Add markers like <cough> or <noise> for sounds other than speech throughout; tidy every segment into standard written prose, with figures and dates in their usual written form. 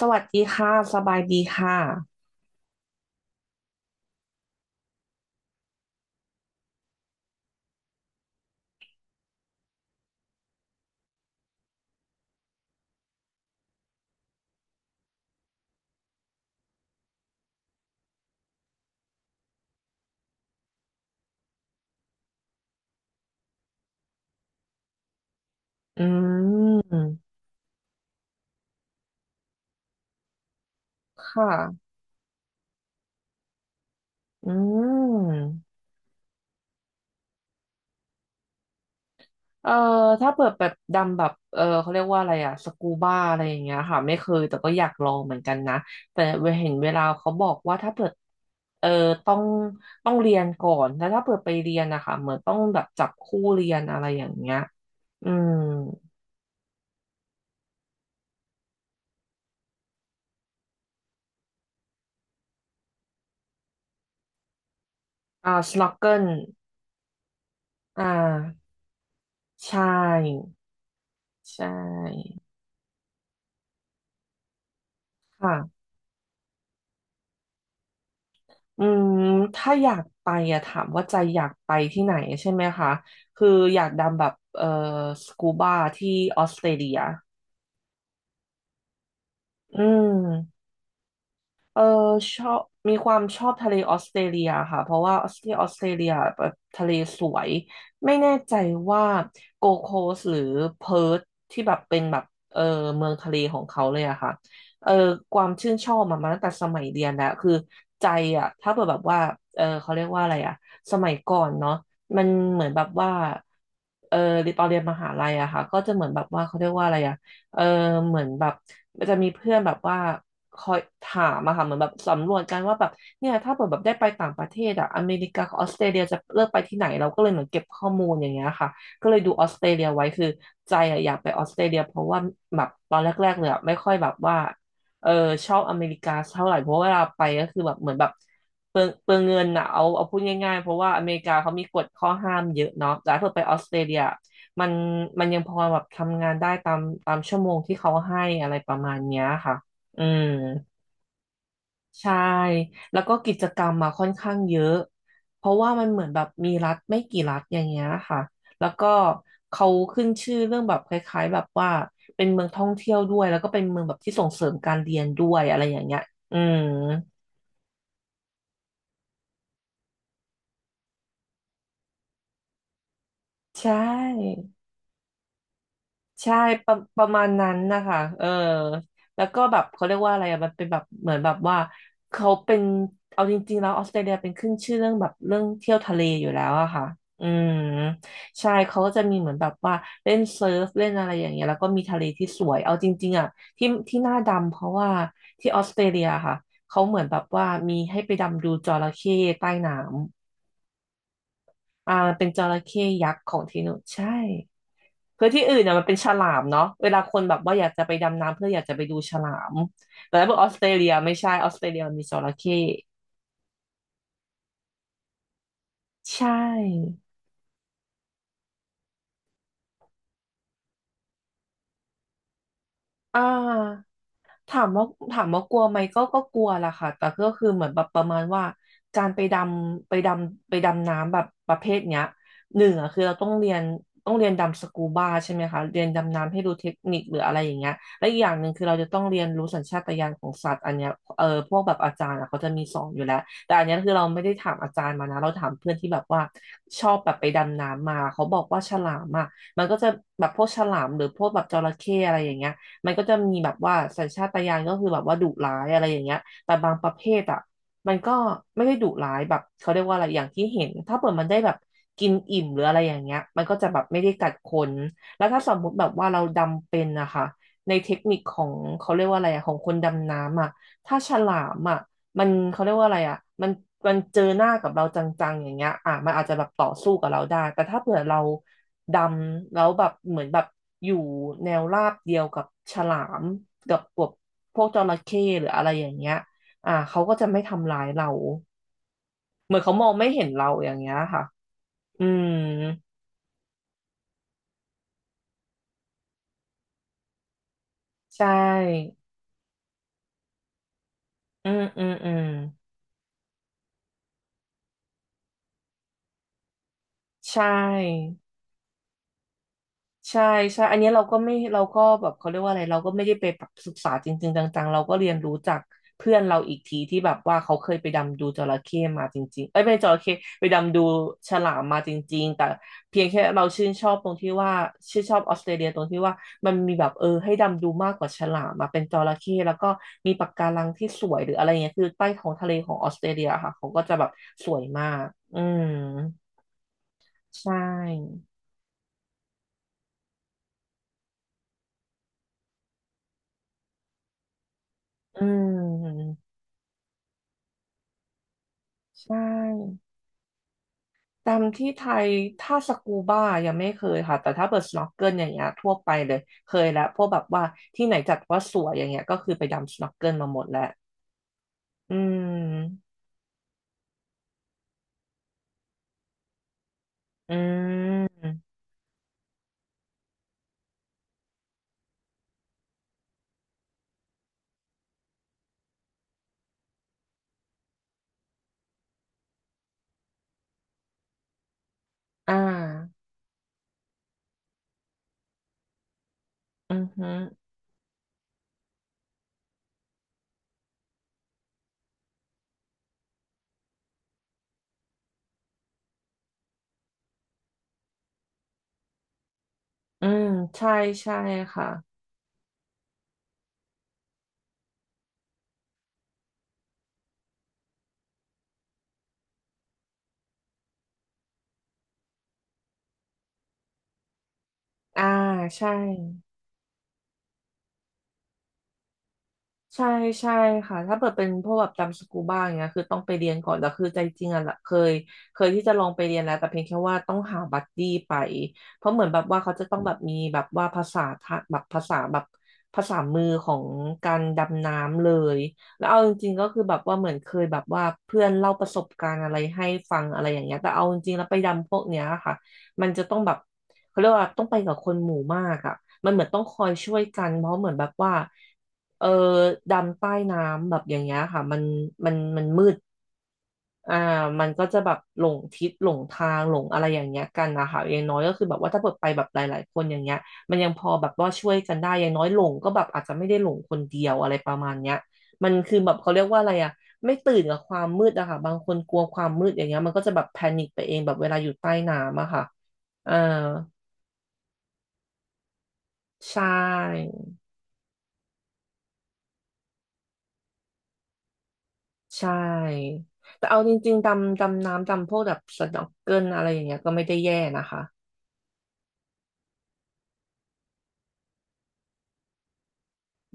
สวัสดีค่ะ สบายดีค่ะ อืม ค่ะ อืม เอ่อถ้าเปิดแบบดำแบบเขาเรียกว่าอะไรอะสกูบ้าอะไรอย่างเงี้ยค่ะไม่เคยแต่ก็อยากลองเหมือนกันนะแต่เห็นเวลาเขาบอกว่าถ้าเปิดเออต้องต้องเรียนก่อนแล้วถ้าเปิดไปเรียนนะคะเหมือนต้องแบบจับคู่เรียนอะไรอย่างเงี้ยอืมอ่าสโนเกิลอ่าใช่ใช่ ค่ะ อืมถ้าอยากไปอะถามว่าใจอยากไปที่ไหนใช่ไหมคะคืออยากดำแบบสกูบาที่ออสเตรเลียอืม เออชอบมีความชอบทะเลออสเตรเลียค่ะเพราะว่าออสเตรเลียออสเตรเลียแบบทะเลสวยไม่แน่ใจว่าโกโคสหรือเพิร์ทที่แบบเป็นแบบเออเมืองทะเลของเขาเลยอะค่ะเออความชื่นชอบมาตั้งแต่สมัยเรียนแล้วคือใจอะถ้าเกิดแบบว่าเขาเรียกว่าอะไรอะสมัยก่อนเนาะมันเหมือนแบบว่าเออตอนเรียนมหาลัยอะค่ะก็จะเหมือนแบบว่าเขาเรียกว่าอะไรอะเออเหมือนแบบมันจะมีเพื่อนแบบว่า คอยถามอะค่ะเหมือนแบบสำรวจกันว่าแบบเนี่ยถ้าเกิดแบบได้ไปต่างประเทศอะอเมริกากับออสเตรเลียจะเลือกไปที่ไหนเราก็เลยเหมือนเก็บข้อมูลอย่างเงี้ยค่ะก็เลยดูออสเตรเลียไว้คือใจอะอยากไปออสเตรเลียเพราะว่าแบบตอนแรกๆเลยอะไม่ค่อยแบบว่าเออชอบอเมริกาเท่าไหร่เพราะเวลาไปก็คือแบบเหมือนแบบเปลืองเงินอะเอาพูดง่ายๆเพราะว่าอเมริกาเขามีกฎข้อห้ามเยอะเนาะแต่ถ้าเกิดไปออสเตรเลียมันมันยังพอแบบทำงานได้ตามตามชั่วโมงที่เขาให้อะไรประมาณเนี้ยค่ะ อืมใช่แล้วก็กิจกรรมมาค่อนข้างเยอะเพราะว่ามันเหมือนแบบมีรัฐไม่กี่รัฐอย่างเงี้ยค่ะแล้วก็เขาขึ้นชื่อเรื่องแบบคล้ายๆแบบว่าเป็นเมืองท่องเที่ยวด้วยแล้วก็เป็นเมืองแบบที่ส่งเสริมการเรียนด้วยอะไรอย่างเงี้ยอืมใช่ ใช่ประมาณนั้นนะคะเออแล้วก็แบบเขาเรียกว่าอะไรอะมันเป็นแบบเหมือนแบบว่าเขาเป็นเอาจริงๆแล้วออสเตรเลียเป็นขึ้นชื่อเรื่องแบบเรื่องเที่ยวทะเลอยู่แล้วอะค่ะอืมใช่เขาก็จะมีเหมือนแบบว่าเล่นเซิร์ฟเล่นอะไรอย่างเงี้ยแล้วก็มีทะเลที่สวยเอาจริงๆอะที่ที่หน้าดำเพราะว่าที่ออสเตรเลียค่ะเขาเหมือนแบบว่ามีให้ไปดำดูจระเข้ใต้น้ำอ่าเป็นจระเข้ยักษ์ของที่นู่นใช่ คือที่อื่นเนี่ยมันเป็นฉลามเนาะเวลาคนแบบว่าอยากจะไปดำน้ำเพื่ออยากจะไปดูฉลามแต่ถ้าบอกออสเตรเลียไม่ใช่ออสเตรเลียมันมีจระเข้ใช่อ่า ถามว่าถามว่ากลัวไหมก็กลัวล่ะค่ะแต่ก็คือเหมือนแบบประมาณว่าการไปดำน้ำแบบประเภทเนี้ยหนึ่งอ่ะคือเราต้องเรียนดำสกูบาใช่ไหมคะเรียนดำน้ำให้รู้เทคนิคหรืออะไรอย่างเงี้ยและอีกอย่างหนึ่งคือเราจะต้องเรียนรู้สัญชาตญาณของสัตว์อันเนี้ยเออพวกแบบอาจารย์อะเขาจะมีสอนอยู่แล้วแต่อันเนี้ยคือเราไม่ได้ถามอาจารย์มานะเราถามเพื่อนที่แบบว่าชอบแบบไปดำน้ำมาเขาบอกว่าฉลามอ่ะมันก็จะแบบพวกฉลามหรือพวกแบบจระเข้อะไรอย่างเงี้ย มันก็จะมีแบบว่าสัญชาตญาณก็คือแบบว่าดุร้ายอะไรอย่างเงี้ยแต่บางประเภทอ่ะมันก็ไม่ได้ดุร้ายแบบเขาเรียกว่าอะไรอย่างที่เห็นถ้าเปิดมันได้แบบกินอิ่มหรืออะไรอย่างเงี้ยมันก็จะแบบไม่ได้กัดคนแล้วถ้าสมมุติแบบว่าเราดำเป็นนะคะในเทคนิคของเขาเรียกว่าอะไรอะของคนดำน้ำอะถ้าฉลามอะมันเขาเรียกว่าอะไรอะมันมันเจอหน้ากับเราจังๆอย่างเงี้ยอ่ะมันอาจจะแบบต่อสู้กับเราได้แต่ถ้าเผื่อเรา ดำแล้วแบบเหมือนแบบอยู่แนวราบเดียวกับฉลามกับพวกจระเข้หรืออะไรอย่างเงี้ยอ่าเขาก็จะไม่ทำร้ายเราเหมือนเขามองไม่เห็นเราอย่างเงี้ยค่ะอืมใช่อืมอืมอืมใช่ ใช่ใช่อันเนี้ยเราก็ไม่เราก็แบบเขาเรียกว่าอะไรเราก็ไม่ได้ไปแบบศึกษาจริงๆจังๆ เราก็เรียนรู้จากเพื่อนเราอีกทีที่แบบว่าเขาเคยไปดำดูจระเข้มาจริงๆเอ้ยไม่ใช่จระเข้ไปดำดูฉลามมาจริงๆแต่เพียงแค่เราชื่นชอบตรงที่ว่าชื่นชอบออสเตรเลียตรงที่ว่ามันมีแบบให้ดำดูมากกว่าฉลามมาเป็นจระเข้แล้วก็มีปะการังที่สวยหรืออะไรเงี้ยคือใต้ท้องทะเลของออสเตรเลียค่ะเขาก็จะแบบสวยมากอืมใช่อืมใช่ ดำที่ไทยถ้าสกูบ้ายังไม่เคยค่ะแต่ถ้าเปิดสโนว์เกิลอย่างเงี้ยทั่วไปเลยเคยแล้วพวกแบบว่าที่ไหนจัดว่าสวยอย่างเงี้ยก็คือไปดำสโนว์เกิลมาหมดแล้วอืมอืมอ่าอือฮึอืมใช่ใช่ค่ะอ่าใช่ ใช่ใช่ค่ะถ้าเปิดเป็นพวกแบบดำสกูบ้าอย่างเงี้ยคือต้องไปเรียนก่อนแล้วคือใจจริงอ่ะละเคยเคยที่จะลองไปเรียนแล้วแต่เพียงแค่ว่าต้องหาบัดดี้ไปเพราะเหมือนแบบว่าเขาจะต้องแบบมีแบบว่าภาษาทะแบบภาษาแบบภาษามือของการดำน้ำเลยแล้วเอาจริงๆก็คือแบบว่าเหมือนเคยแบบว่าเพื่อนเล่าประสบการณ์อะไรให้ฟังอะไรอย่างเงี้ยแต่เอาจริงๆแล้วไปดำพวกเนี้ยค่ะมันจะต้องแบบเขาเรียกว่าต้องไปกับคนหมู่มากอ่ะมันเหมือนต้องคอยช่วยกันเพราะเหมือนแบบว่า เออดำใต้น้ำแบบอย่างเงี้ยค่ะมันมันมืดอ่ามันก็จะแบบหลงทิศหลงทางหลงอะไรอย่างเงี้ยกันนะคะอย่างน้อยก็คือแบบว่าถ้าเปิดไปแบบหลายๆคนอย่างเงี้ยมันยังพอแบบว่าช่วยกันได้อย่างน้อยหลงก็แบบอาจจะไม่ได้หลงคนเดียวอะไรประมาณเนี้ยมันคือแบบเขาเรียกว่าอะไรอะไม่ตื่นกับความมืดอะค่ะบางคนกลัวความมืดอย่างเงี้ยมันก็จะแบบแพนิคไปเองแบบเวลาอยู่ใต้น้ำอะค่ะอ่าใช่ ใช่แต่เอาจริงๆดำดำน้ำดำพวกแบบสน็อกเกิลอะไรอย่างเงี้ยก็ไม่ได้แย่นะคะ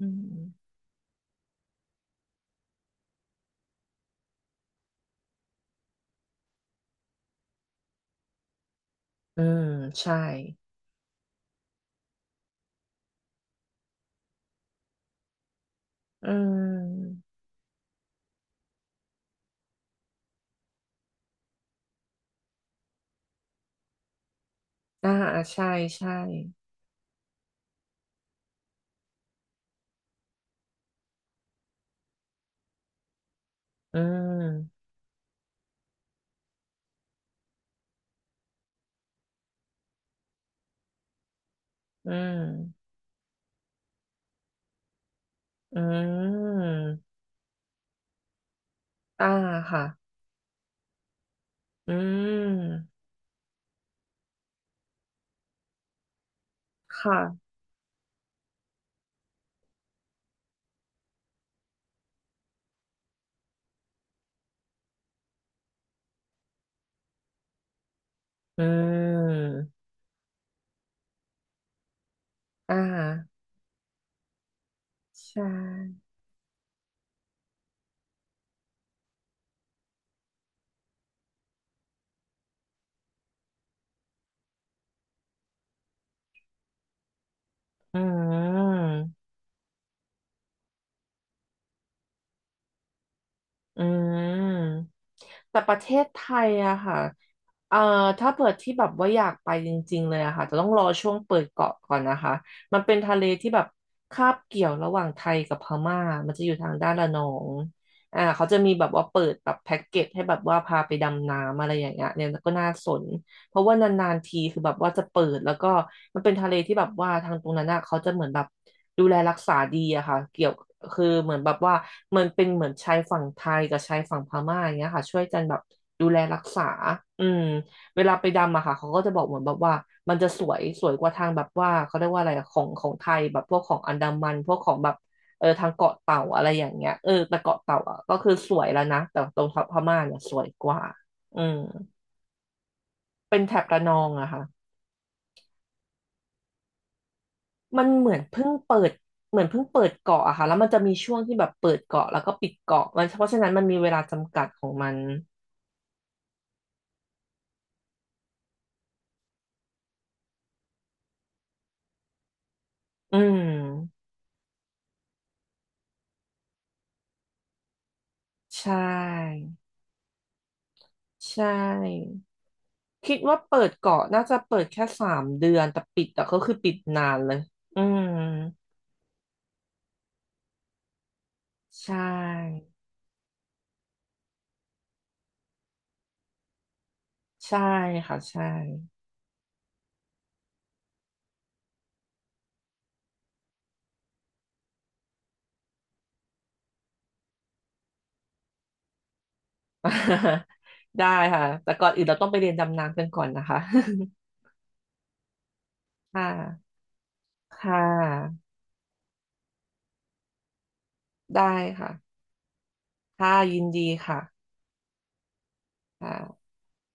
อืมอืมใช่อืมอ่าใช่ใช่อืมอืมอืมอ่าค่ะอืมค่ะอืมอ่าใช่อืมอืม แต่ประเทศไทยอะค่ะเอ่อถ้าเปิดที่แบบว่าอยากไปจริงๆเลยอะค่ะจะต้องรอช่วงเปิดเกาะก่อนนะคะมันเป็นทะเลที่แบบคาบเกี่ยวระหว่างไทยกับพม่ามันจะอยู่ทางด้านระนองอ่าเขาจะมีแบบว่าเปิดแบบแพ็กเกจให้แบบว่าพาไปดำน้ำอะไรอย่างเงี้ยเนี่ยก็น่าสน เพราะว่านานๆทีคือแบบว่าจะเปิดแล้วก็มันเป็นทะเลที่แบบว่าทางตรงนั้นอ่ะเขาจะเหมือนแบบดูแลรักษาดีอะค่ะเกี่ยวคือเหมือนแบบว่ามันเป็นเหมือนชายฝั่งไทยกับชายฝั่งพม่าอย่างเงี้ยค่ะช่วยกันแบบดูแลรักษาอืมเวลาไปดำอะค่ะเขาก็จะบอกเหมือนแบบว่ามันจะสวยสวยกว่าทางแบบว่าเขาเรียกว่าอะไรอะของของไทยแบบพวกของอันดามันพวกของแบบทางเกาะเต่าอะไรอย่างเงี้ยแต่เกาะเต่าอะก็คือสวยแล้วนะแต่ตรงพม่าเนี่ยสวยกว่าอืมเป็นแถบระนองอะค่ะ มันเหมือนเพิ่งเปิดเหมือนเพิ่งเปิดเกาะอะค่ะแล้วมันจะมีช่วงที่แบบเปิดเกาะแล้วก็ปิดเกาะมันเพราะฉะนั้นมันมีเวลาจำกัดของมันอืมใช่ใช่คิดว่าเปิดเกาะน่าจะเปิดแค่3 เดือนแต่ปิดอะก็คือปิดนานเลยอืมใช่ใช่ค่ะใช่ <laughs> ได้ค่ะแต่ก่อนอื่นเราต้องไปเรียนดำน้ำกันก่อนนะคะ <laughs> ค่ะค่ะได้ค่ะค่ะยินดีค่ะค่ะ